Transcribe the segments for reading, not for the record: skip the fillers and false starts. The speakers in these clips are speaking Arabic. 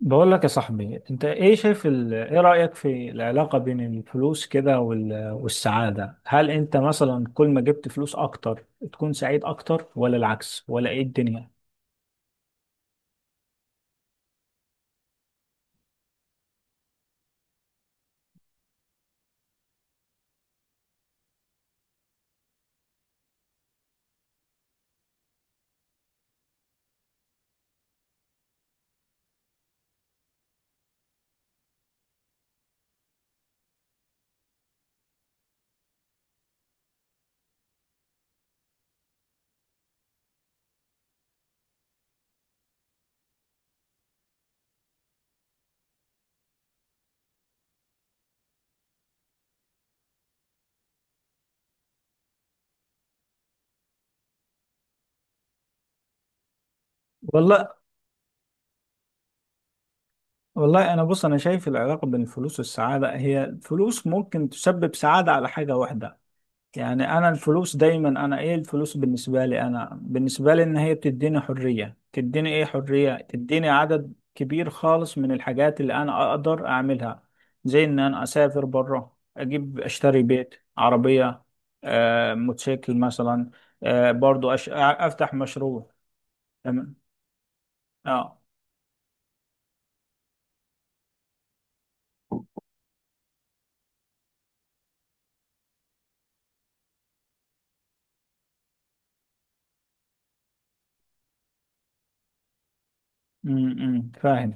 بقول لك يا صاحبي، انت ايه شايف ال... ايه رأيك في العلاقة بين الفلوس كده والسعادة؟ هل انت مثلا كل ما جبت فلوس اكتر تكون سعيد اكتر، ولا العكس، ولا ايه الدنيا؟ والله. انا بص، انا شايف العلاقة بين الفلوس والسعادة، هي الفلوس ممكن تسبب سعادة على حاجة واحدة. يعني انا الفلوس دايما، انا ايه الفلوس بالنسبه لي، ان هي بتديني حريه، تديني ايه، حريه، تديني عدد كبير خالص من الحاجات اللي انا اقدر اعملها. زي ان انا اسافر بره، اجيب، اشتري بيت، عربيه، آه موتوسيكل مثلا، آه برضو افتح مشروع. تمام. اه. فاهم.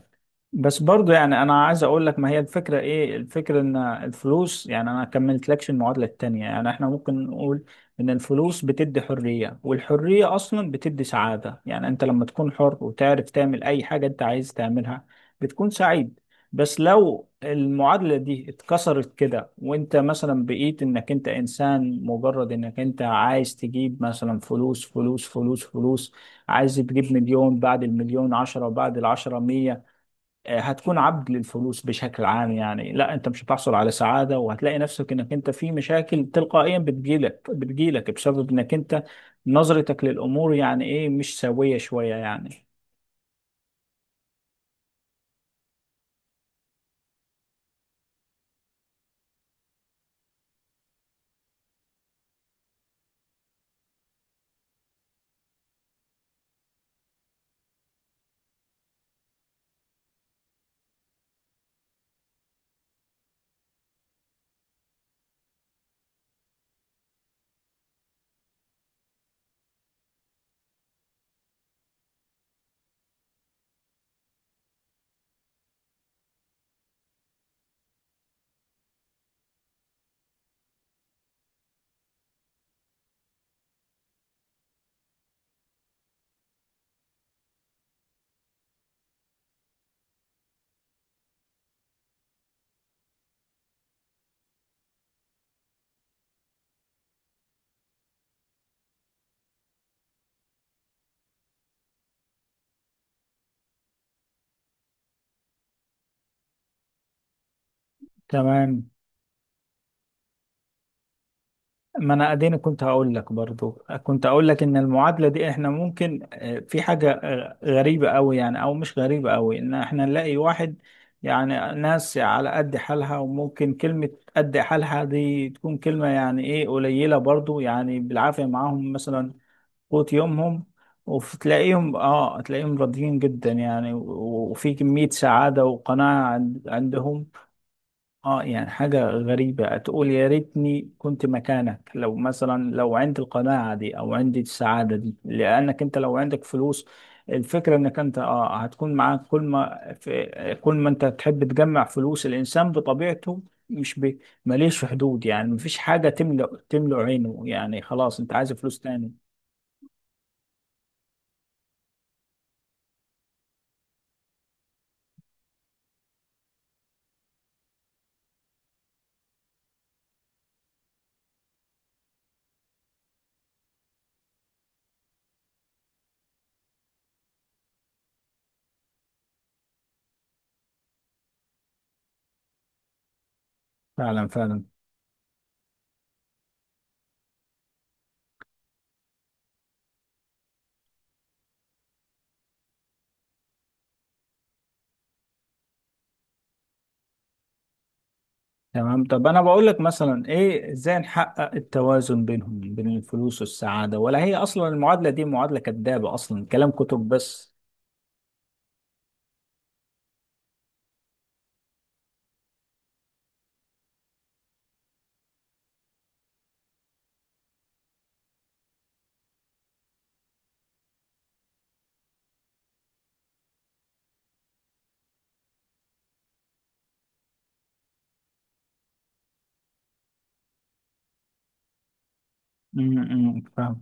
بس برضو، يعني انا عايز اقول لك، ما هي الفكره، ايه الفكره ان الفلوس، يعني انا كملت لكش المعادله التانية. يعني احنا ممكن نقول ان الفلوس بتدي حريه، والحريه اصلا بتدي سعاده. يعني انت لما تكون حر وتعرف تعمل اي حاجه انت عايز تعملها بتكون سعيد. بس لو المعادله دي اتكسرت كده، وانت مثلا بقيت انك انت انسان، مجرد انك انت عايز تجيب مثلا فلوس فلوس فلوس فلوس، عايز تجيب مليون، بعد المليون عشرة، وبعد العشرة مية، هتكون عبد للفلوس بشكل عام. يعني لا، انت مش هتحصل على سعادة، وهتلاقي نفسك انك انت في مشاكل تلقائيا بتجيلك بسبب انك انت، نظرتك للأمور، يعني ايه، مش سوية شوية يعني. تمام. ما انا اديني كنت هقول لك برضو، كنت اقول لك ان المعادله دي احنا ممكن، في حاجه غريبه قوي، يعني، او مش غريبه قوي، ان احنا نلاقي واحد، يعني ناس على قد حالها، وممكن كلمه قد حالها دي تكون كلمه يعني ايه قليله برضو، يعني بالعافيه معاهم مثلا قوت يومهم. وتلاقيهم، تلاقيهم راضيين جدا يعني، وفي كميه سعاده وقناعه عندهم. اه، يعني حاجة غريبة، تقول يا ريتني كنت مكانك، لو مثلا لو عندي القناعة دي، او عندي السعادة دي. لانك انت لو عندك فلوس، الفكرة انك انت اه هتكون معاك، كل ما انت تحب تجمع فلوس، الانسان بطبيعته مش بي- ماليش حدود. يعني مفيش حاجة تملأ عينه. يعني خلاص انت عايز فلوس تاني. فعلا، فعلا. تمام، طب انا بقول لك مثلا، ايه ازاي نحقق التوازن بينهم، بين الفلوس والسعادة؟ ولا هي اصلا المعادلة دي معادلة كذابة، اصلا كلام كتب بس؟ فاهم.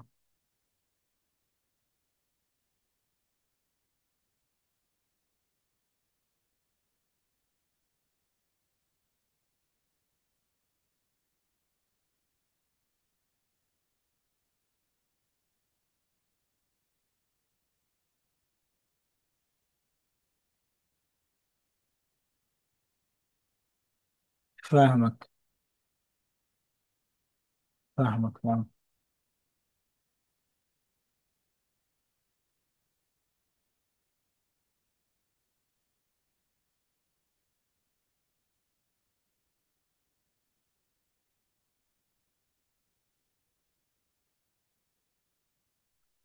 فاهمك، فاهمك، فاهم.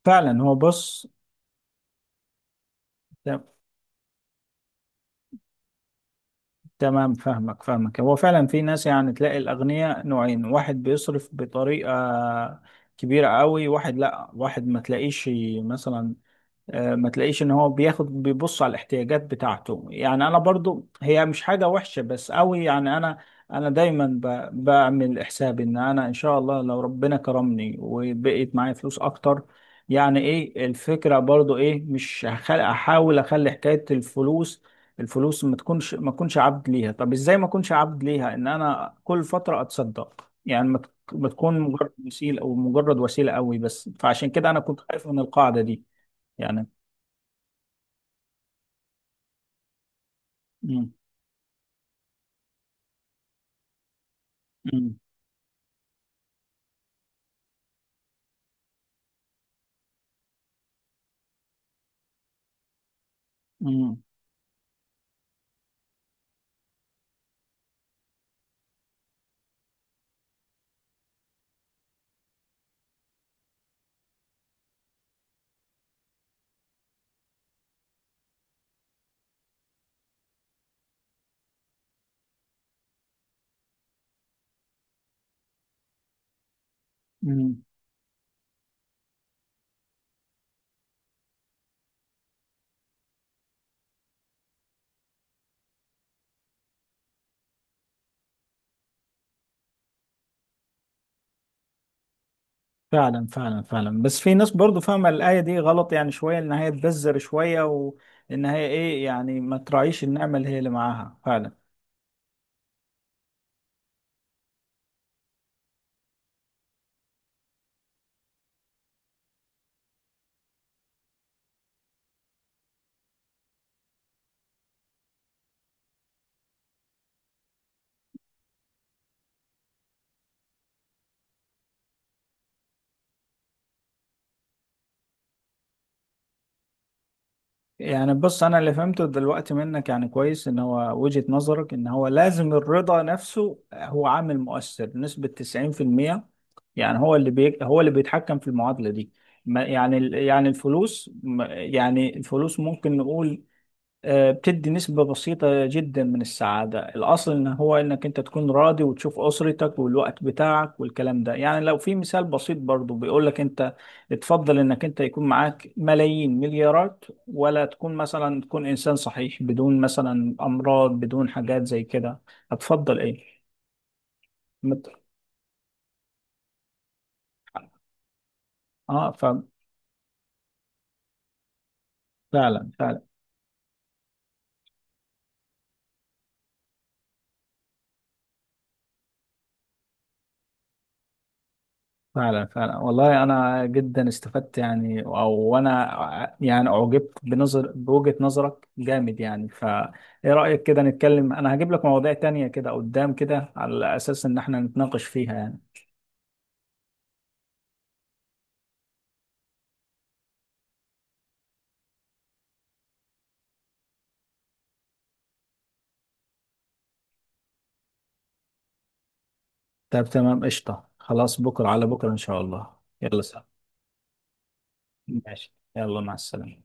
فعلا. هو بص، ت- تمام. فاهمك، فاهمك. هو فعلا في ناس، يعني تلاقي الاغنياء نوعين، واحد بيصرف بطريقة كبيرة قوي، واحد لا، واحد ما تلاقيش مثلا، ما تلاقيش ان هو بياخد بيبص على الاحتياجات بتاعته. يعني انا برضو هي مش حاجة وحشة بس قوي، يعني انا، دايما بعمل حساب ان انا، ان شاء الله لو ربنا كرمني وبقيت معايا فلوس اكتر، يعني ايه الفكرة برضو، ايه، مش احاول اخلي حكاية الفلوس، الفلوس ما تكونش، عبد ليها. طب ازاي ما اكونش عبد ليها؟ ان انا كل فترة اتصدق، يعني ما تكون مجرد وسيلة، او مجرد وسيلة قوي بس. فعشان كده انا كنت خايف من القاعدة دي يعني. مم. مم. مم. مم. فعلا، فعلا، فعلا. بس في ناس برضو فاهمة الآية دي غلط يعني شوية، إن هي تبذر شوية، وإن هي إيه، يعني ما تراعيش النعمة اللي هي اللي معاها فعلا. يعني بص، أنا اللي فهمته دلوقتي منك يعني كويس، إن هو وجهة نظرك إن هو لازم الرضا نفسه هو عامل مؤثر نسبة 90%، يعني هو اللي بي هو اللي بيتحكم في المعادلة دي. ما- يعني ال- يعني الفلوس ما- يعني الفلوس ممكن نقول بتدي نسبة بسيطة جدا من السعادة. الأصل إن هو إنك أنت تكون راضي، وتشوف أسرتك والوقت بتاعك والكلام ده. يعني لو في مثال بسيط برضو بيقولك، أنت تفضل إنك أنت يكون معاك ملايين مليارات، ولا تكون مثلا تكون إنسان صحيح بدون مثلا أمراض بدون حاجات زي كده؟ هتفضل إيه؟ مت... آه. ففعلا، فعلا، فعلا، فعلا. والله انا جدا استفدت يعني، او انا يعني اعجبت بوجهة نظرك جامد يعني. فايه رأيك كده نتكلم، انا هجيب لك مواضيع تانية كده قدام كده على اساس ان احنا نتناقش فيها يعني؟ طب تمام، قشطة، خلاص. بكرة على بكرة ان شاء الله. يلا سلام. ماشي، يلا، مع السلامة.